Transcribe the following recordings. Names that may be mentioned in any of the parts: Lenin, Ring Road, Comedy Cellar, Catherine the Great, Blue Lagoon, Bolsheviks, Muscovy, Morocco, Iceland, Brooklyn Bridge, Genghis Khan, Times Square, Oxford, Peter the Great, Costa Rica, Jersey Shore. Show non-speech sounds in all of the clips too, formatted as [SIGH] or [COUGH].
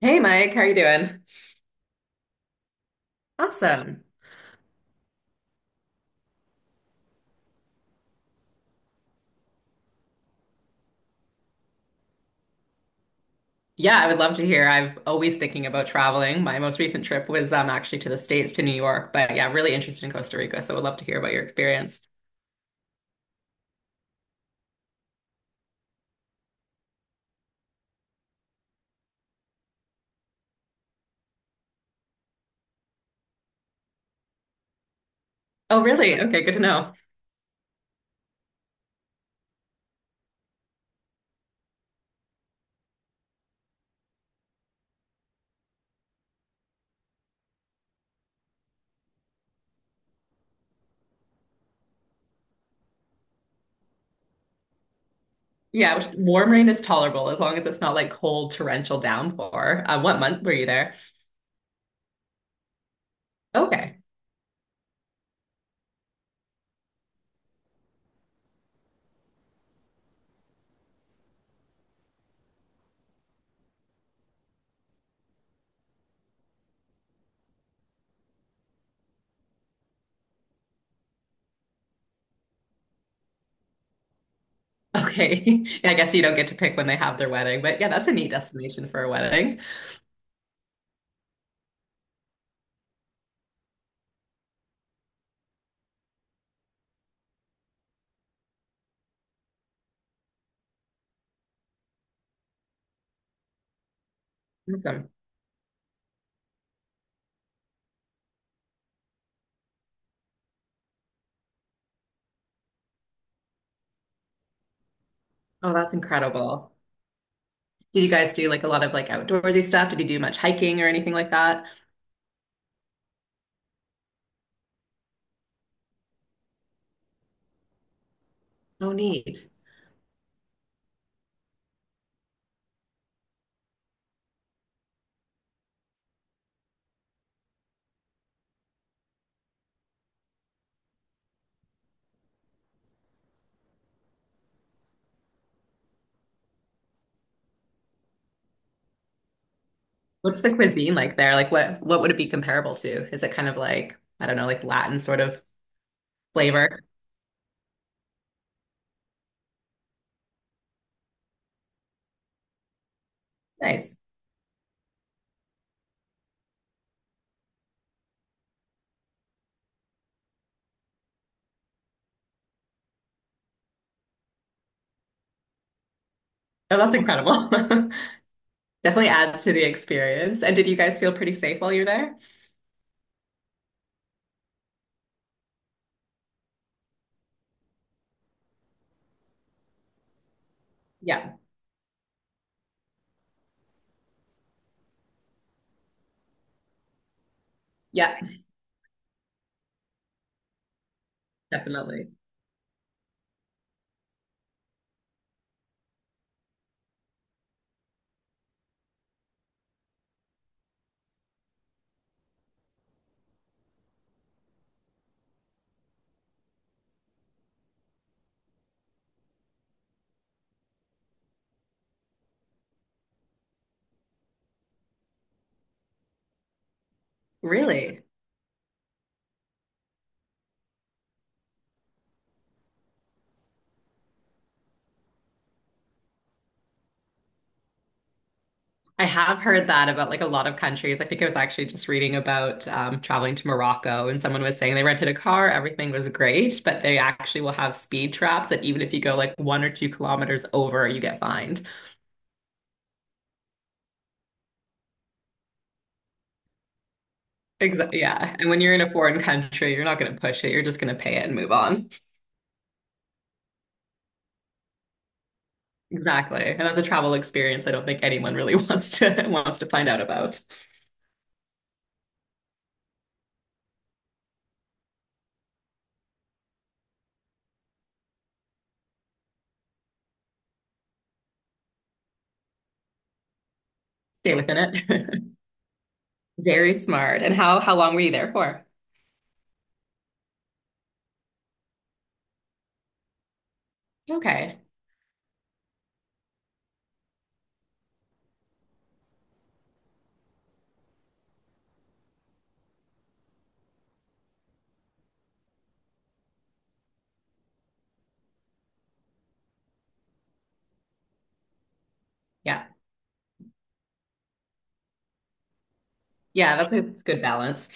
Hey Mike, how are you doing? Awesome. Yeah, I would love to hear. I've always thinking about traveling. My most recent trip was actually to the States to New York, but yeah, really interested in Costa Rica, so I would love to hear about your experience. Oh, really? Okay, good to know. Warm rain is tolerable as long as it's not like cold torrential downpour. What month were you there? Okay. Okay. [LAUGHS] Yeah, I guess you don't get to pick when they have their wedding, but yeah, that's a neat destination for a wedding. Awesome. Oh, that's incredible. Did you guys do like a lot of like outdoorsy stuff? Did you do much hiking or anything like that? Oh, neat. What's the cuisine like there? Like what would it be comparable to? Is it kind of like, I don't know, like Latin sort of flavor? Nice. Oh, that's incredible. [LAUGHS] Definitely adds to the experience. And did you guys feel pretty safe while you're there? Yeah. Yeah, definitely. Really? I have heard that about like a lot of countries. I think I was actually just reading about traveling to Morocco, and someone was saying they rented a car, everything was great, but they actually will have speed traps that even if you go like 1 or 2 kilometers over, you get fined. Exactly. Yeah. And when you're in a foreign country, you're not going to push it. You're just going to pay it and move on. [LAUGHS] Exactly. And that's a travel experience I don't think anyone really [LAUGHS] wants to find out about. Stay within it. [LAUGHS] Very smart. And how long were you there for? Okay. Yeah. Yeah, that's that's a good balance.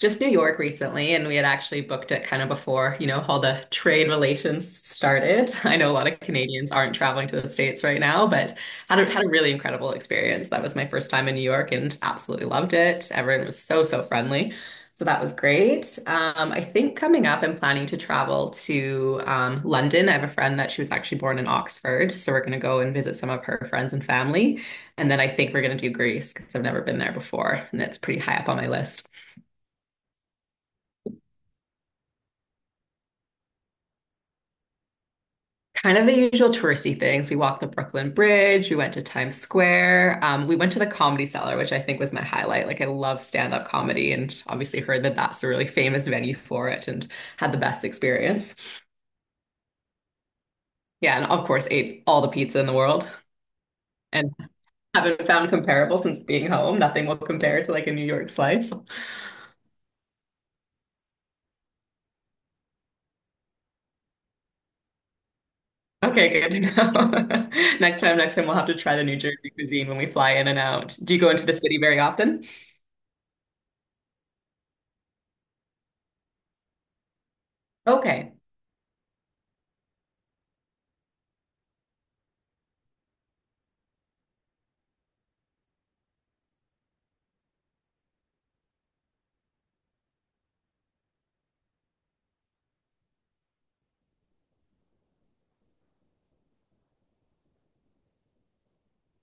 Just New York recently, and we had actually booked it kind of before, you know, all the trade relations started. I know a lot of Canadians aren't traveling to the States right now, but had a really incredible experience. That was my first time in New York and absolutely loved it. Everyone was so, so friendly. So that was great. I think coming up, I'm planning to travel to London. I have a friend that she was actually born in Oxford. So we're going to go and visit some of her friends and family. And then I think we're going to do Greece because I've never been there before. And it's pretty high up on my list. Kind of the usual touristy things. We walked the Brooklyn Bridge. We went to Times Square. We went to the Comedy Cellar, which I think was my highlight. Like, I love stand-up comedy and obviously heard that that's a really famous venue for it and had the best experience. Yeah, and of course, ate all the pizza in the world and haven't found comparable since being home. Nothing will compare to like a New York slice. Okay, good to know. [LAUGHS] Next time, we'll have to try the New Jersey cuisine when we fly in and out. Do you go into the city very often? Okay.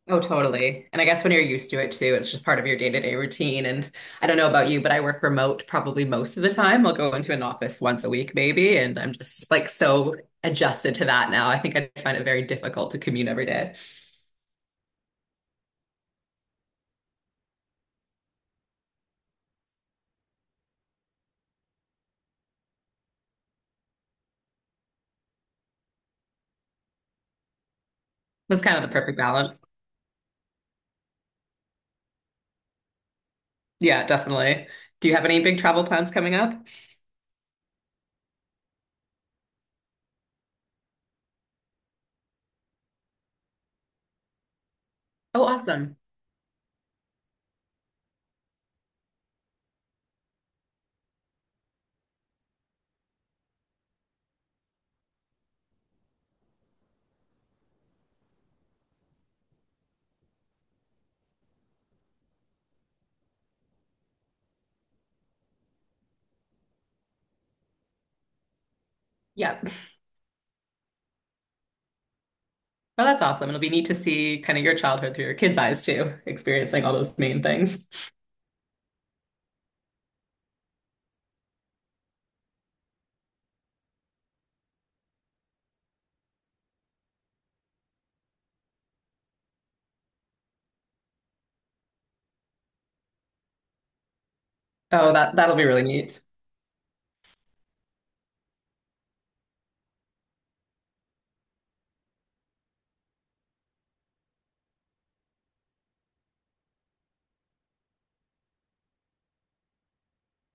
Oh, totally. And I guess when you're used to it too, it's just part of your day-to-day routine. And I don't know about you, but I work remote probably most of the time. I'll go into an office once a week, maybe, and I'm just like so adjusted to that now. I think I find it very difficult to commute every day. That's kind of the perfect balance. Yeah, definitely. Do you have any big travel plans coming up? Oh, awesome. Yeah. Well, that's awesome. It'll be neat to see kind of your childhood through your kids' eyes too, experiencing all those main things. Oh, that'll be really neat.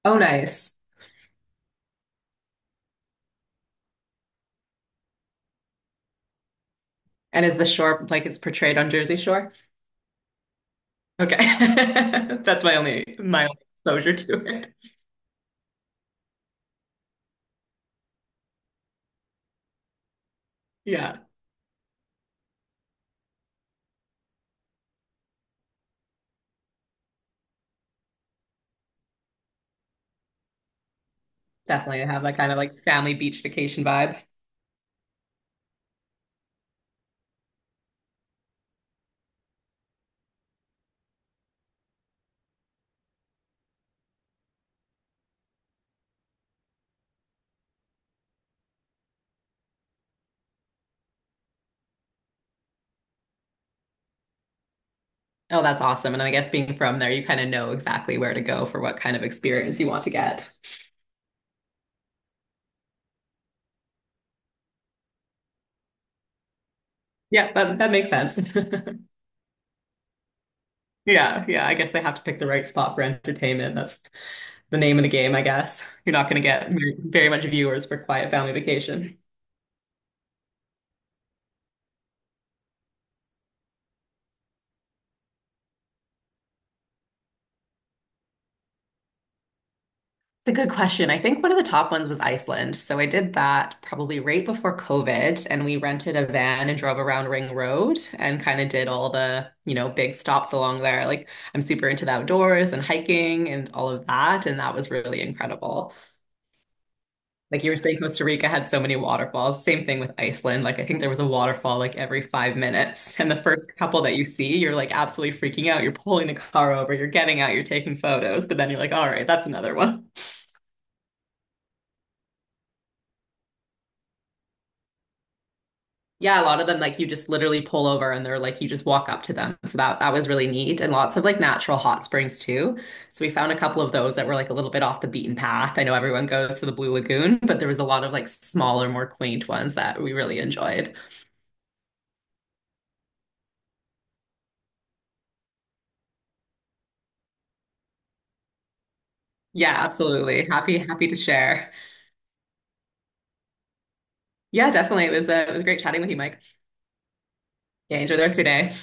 Oh, nice. And is the shore like it's portrayed on Jersey Shore? Okay. [LAUGHS] That's my only exposure to it. Yeah. Definitely have that kind of like family beach vacation vibe. Oh, that's awesome. And I guess being from there, you kind of know exactly where to go for what kind of experience you want to get. Yeah, that makes sense. [LAUGHS] Yeah, yeah. I guess they have to pick the right spot for entertainment. That's the name of the game, I guess. You're not going to get very much viewers for Quiet Family Vacation. It's a good question. I think one of the top ones was Iceland. So I did that probably right before COVID, and we rented a van and drove around Ring Road and kind of did all the, you know, big stops along there. Like I'm super into the outdoors and hiking and all of that, and that was really incredible. Like you were saying, Costa Rica had so many waterfalls. Same thing with Iceland. Like I think there was a waterfall like every 5 minutes. [LAUGHS] And the first couple that you see, you're like absolutely freaking out. You're pulling the car over, you're getting out, you're taking photos, but then you're like, all right, that's another one. Yeah, a lot of them like you just literally pull over and they're like you just walk up to them. So that was really neat. And lots of like natural hot springs too. So we found a couple of those that were like a little bit off the beaten path. I know everyone goes to the Blue Lagoon, but there was a lot of like smaller, more quaint ones that we really enjoyed. Yeah, absolutely. Happy, happy to share. Yeah, definitely. It was great chatting with you, Mike. Yeah, enjoy the rest of your day.